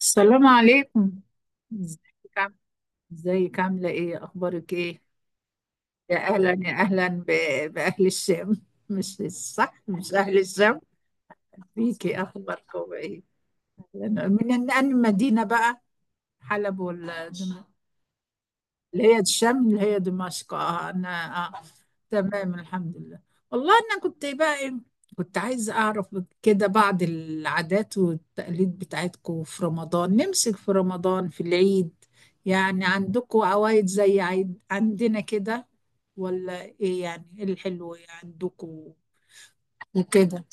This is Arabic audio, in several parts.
السلام عليكم. ازيك؟ عام- ازيك؟ عاملة ايه؟ اخبارك ايه؟ يا اهلا، يا اهلا باهل الشام. مش صح، مش اهل الشام؟ فيكي اخباركم ايه؟ من انهي مدينة بقى؟ حلب، ولا اللي هي الشام اللي هي دمشق؟ اه انا. آه. تمام الحمد لله. والله انا كنت بقى كنت عايزه اعرف كده بعض العادات والتقاليد بتاعتكم في رمضان، نمسك في رمضان، في العيد. يعني عندكم عوايد زي عيد عندنا كده، ولا ايه؟ يعني ايه الحلو إيه عندكم وكده؟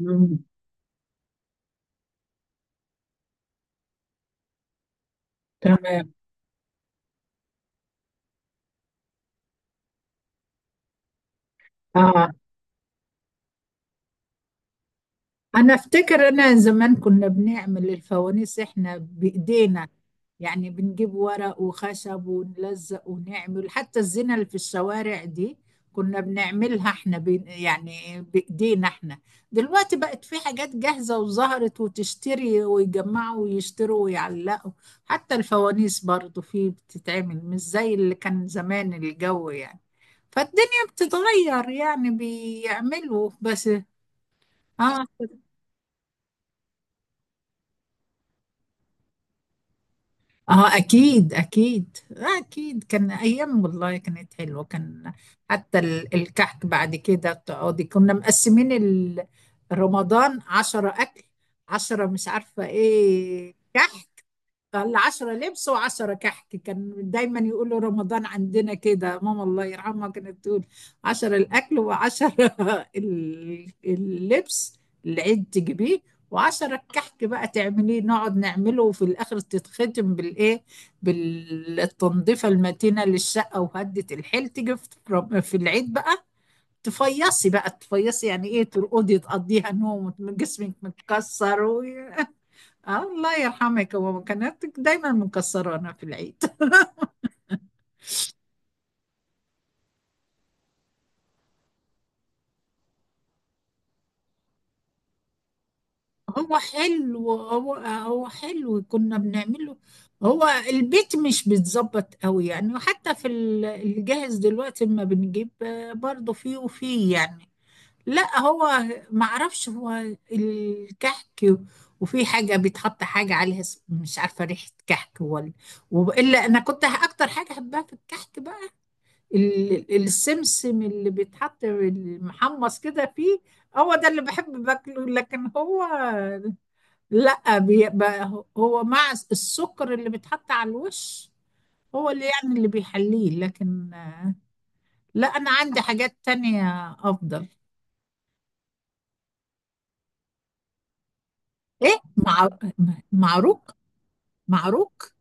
مم. تمام. اه. انا افتكر انا زمان كنا بنعمل الفوانيس احنا بايدينا، يعني بنجيب ورق وخشب ونلزق ونعمل. حتى الزينة اللي في الشوارع دي كنا بنعملها احنا، بين يعني بإيدينا احنا. دلوقتي بقت في حاجات جاهزة وظهرت، وتشتري ويجمعوا ويشتروا ويعلقوا. حتى الفوانيس برضو في بتتعمل، مش زي اللي كان زمان الجو يعني. فالدنيا بتتغير، يعني بيعملوا بس. اه اه، اكيد اكيد، آه اكيد، كان ايام والله كانت حلوه. كان حتى الكحك بعد كده تقعدي. كنا مقسمين رمضان عشرة اكل، عشرة مش عارفه ايه كحك، العشرة لبس وعشرة كحك. كان دايما يقولوا رمضان عندنا كده. ماما الله يرحمها كانت تقول: عشرة الأكل وعشرة اللبس العيد تجيبيه، وعشرة الكحك بقى تعمليه، نقعد نعمله. وفي الآخر تتختم بالإيه، بالتنظيفة المتينة للشقة وهدة الحيل تيجي في في العيد بقى. تفيصي بقى، تفيصي يعني إيه، ترقدي تقضيها نوم وجسمك متكسر. آه، الله يرحمك، هو كانت دايما مكسرانا في العيد. هو حلو، هو حلو كنا بنعمله. هو البيت مش بيتظبط قوي يعني. وحتى في الجاهز دلوقتي ما بنجيب برضه فيه وفيه يعني. لا هو معرفش، هو الكحك وفي حاجة بيتحط حاجة عليها مش عارفة ريحة كحك ولا. وإلا أنا كنت أكتر حاجة أحبها في الكحك السمسم اللي بيتحط المحمص كده فيه. هو ده اللي بحب باكله. لكن هو لا، بيبقى هو مع السكر اللي بيتحط على الوش هو اللي يعني اللي بيحليه. لكن لا، انا عندي حاجات تانية افضل. ايه، مع معروك، معروك.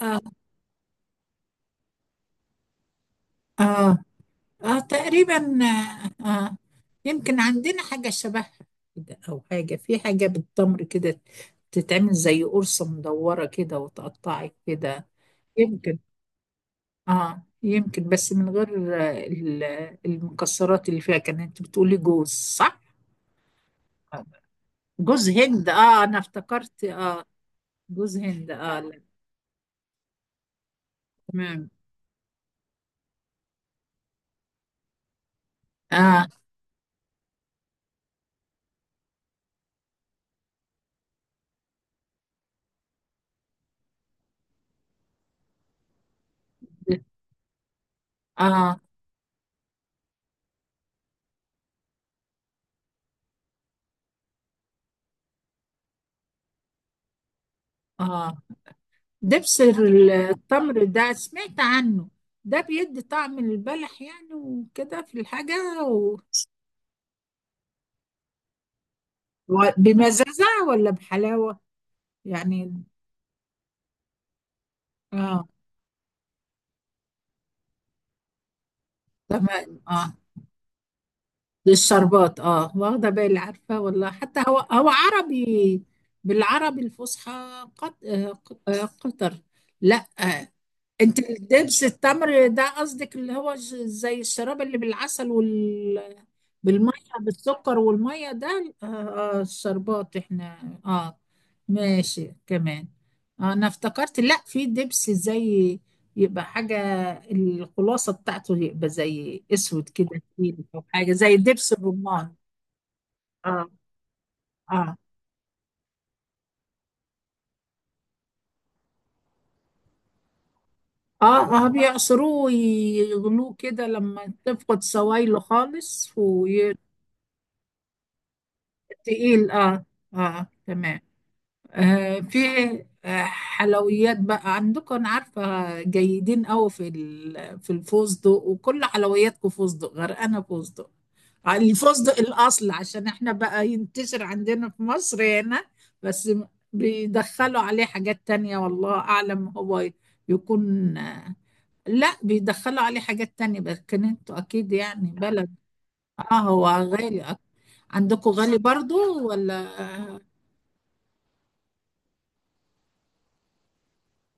بيبقى آه. اه تقريبا، آه آه، يمكن عندنا حاجة شبهها كده، أو حاجة في حاجة بالتمر كده تتعمل زي قرصة مدورة كده وتقطعي كده. يمكن. اه يمكن بس من غير المكسرات اللي فيها. كان انت بتقولي جوز، صح؟ آه. جوز هند، اه انا افتكرت. اه جوز هند، اه لا. تمام. اه اه اه. دبس التمر ده سمعت عنه. ده بيدي طعم البلح يعني وكده في الحاجة بمزازة ولا بحلاوة يعني؟ اه تمام. اه، للشربات، اه، واخدة بالي، عارفة والله حتى هو هو عربي بالعربي الفصحى. قط... آه، قطر. لا آه، انت الدبس التمر ده قصدك اللي هو زي الشراب اللي بالعسل وال بالميه بالسكر والميه ده؟ اه. آه، الشربات احنا، اه، ماشي كمان. آه، انا افتكرت لا، في دبس زي، يبقى حاجة الخلاصة بتاعته، يبقى زي اسود كده تقيل، او حاجة زي دبس الرمان. اه اه اه، بيعصروه ويغلوه كده لما تفقد سوائله خالص وتقيل. اه، اه تمام. آه، في آه، حلويات بقى عندكم. انا عارفه جيدين قوي في في الفستق، وكل حلوياتكم فستق، غرقانه فستق. آه، الفستق الاصل عشان احنا بقى ينتشر عندنا في مصر هنا بس بيدخلوا عليه حاجات تانية والله اعلم، هو يكون آه، لا بيدخلوا عليه حاجات تانية، بس كان انتوا اكيد يعني بلد. اه هو غالي. عندكم غالي برضو ولا؟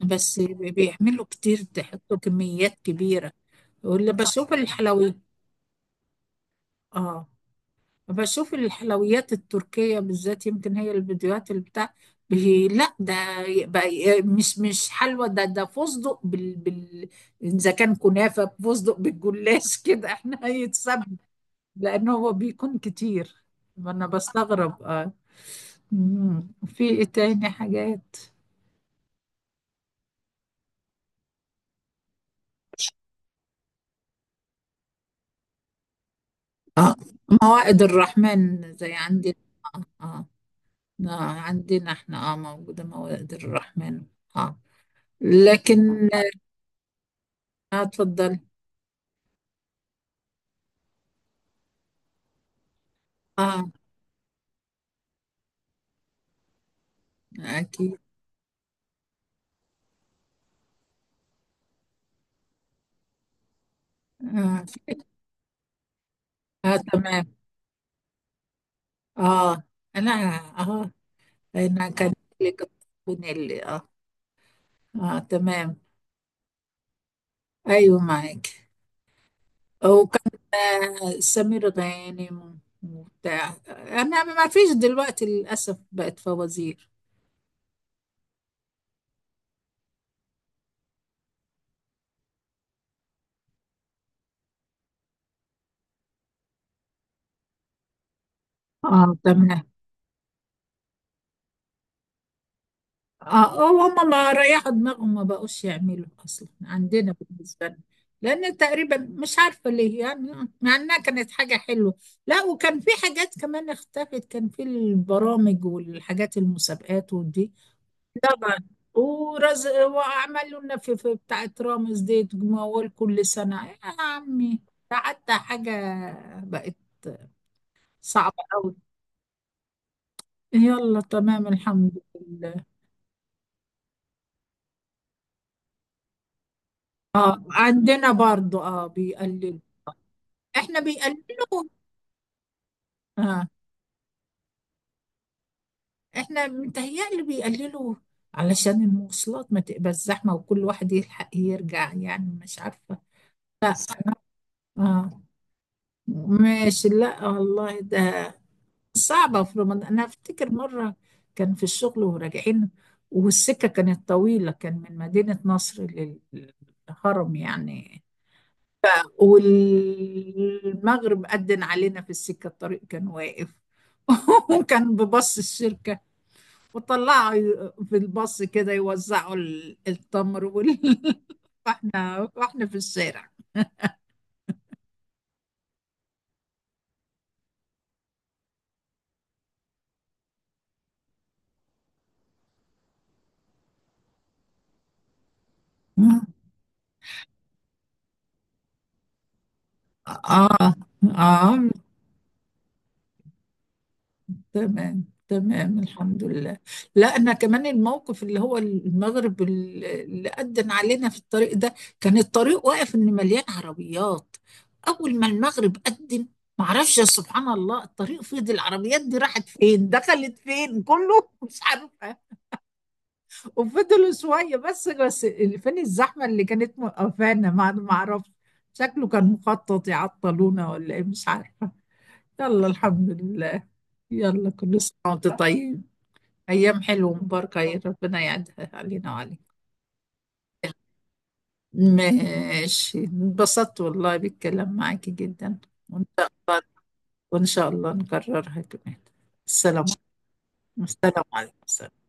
بس بيعملوا كتير تحطوا كميات كبيرة، ولا بشوف الحلويات. اه، بشوف الحلويات التركية بالذات، يمكن هي الفيديوهات اللي بتاع لا ده بقى مش مش حلوى، ده ده فستق إذا كان كنافة فستق بالجلاش كده احنا هيتسبب، لأن هو بيكون كتير. أنا بستغرب. اه. مم. في إيه تاني حاجات؟ اه، موائد الرحمن زي عندي. اه آه. آه، عندنا احنا اه موجودة مواد الرحمن. اه لكن، اه اتفضل. اه اكيد. اه. آه تمام. اه انا، اه انا كان. لك، بنيلي، اه. اه تمام. ايوه معاك. وكان آه سمير غانم وبتاع. انا ما فيش دلوقتي للاسف بقت فوازير. اه تمام. اه آه، هم ما ريحوا دماغهم، ما بقوش يعملوا اصلا عندنا بالنسبه لنا، لان تقريبا مش عارفه ليه يعني، مع انها كانت حاجه حلوه. لا، وكان في حاجات كمان اختفت، كان في البرامج والحاجات المسابقات ودي. طبعا. ورز، وعملوا لنا في بتاعه رامز دي تجمعوا كل سنه يا عمي. ده حتى حاجه بقت صعبه قوي. يلا تمام الحمد لله. اه عندنا برضو اه بيقلل، احنا بيقللوا. اه احنا متهيألي بيقللوا علشان المواصلات ما تبقى الزحمة وكل واحد يلحق يرجع، يعني مش عارفة. لا صح. اه ماشي. لا والله ده صعبة في رمضان. انا افتكر مرة كان في الشغل وراجعين، والسكة كانت طويلة، كان من مدينة نصر للهرم يعني. والمغرب أذن علينا في السكة، الطريق كان واقف. وكان ببص الشركة وطلعوا في الباص كده يوزعوا التمر واحنا في الشارع. اه اه، تمام تمام الحمد لله. لا انا كمان الموقف اللي هو المغرب اللي أذن علينا في الطريق ده، كان الطريق واقف ان مليان عربيات. اول ما المغرب أذن، معرفش يا سبحان الله الطريق فضي، العربيات دي راحت فين، دخلت فين، كله مش عارفه. وفضلوا شوية، بس اللي فين الزحمة اللي كانت موقفانا ما أعرفش، شكله كان مخطط يعطلونا ولا إيه، مش عارفة. يلا الحمد لله. يلا كل سنة وأنت طيب. أيام حلوة مباركة، يا ربنا يعدها علينا وعليك. ماشي، انبسطت والله بالكلام معاكي جدا. وإن شاء الله، وإن شاء الله نكررها كمان. السلام، السلام عليكم.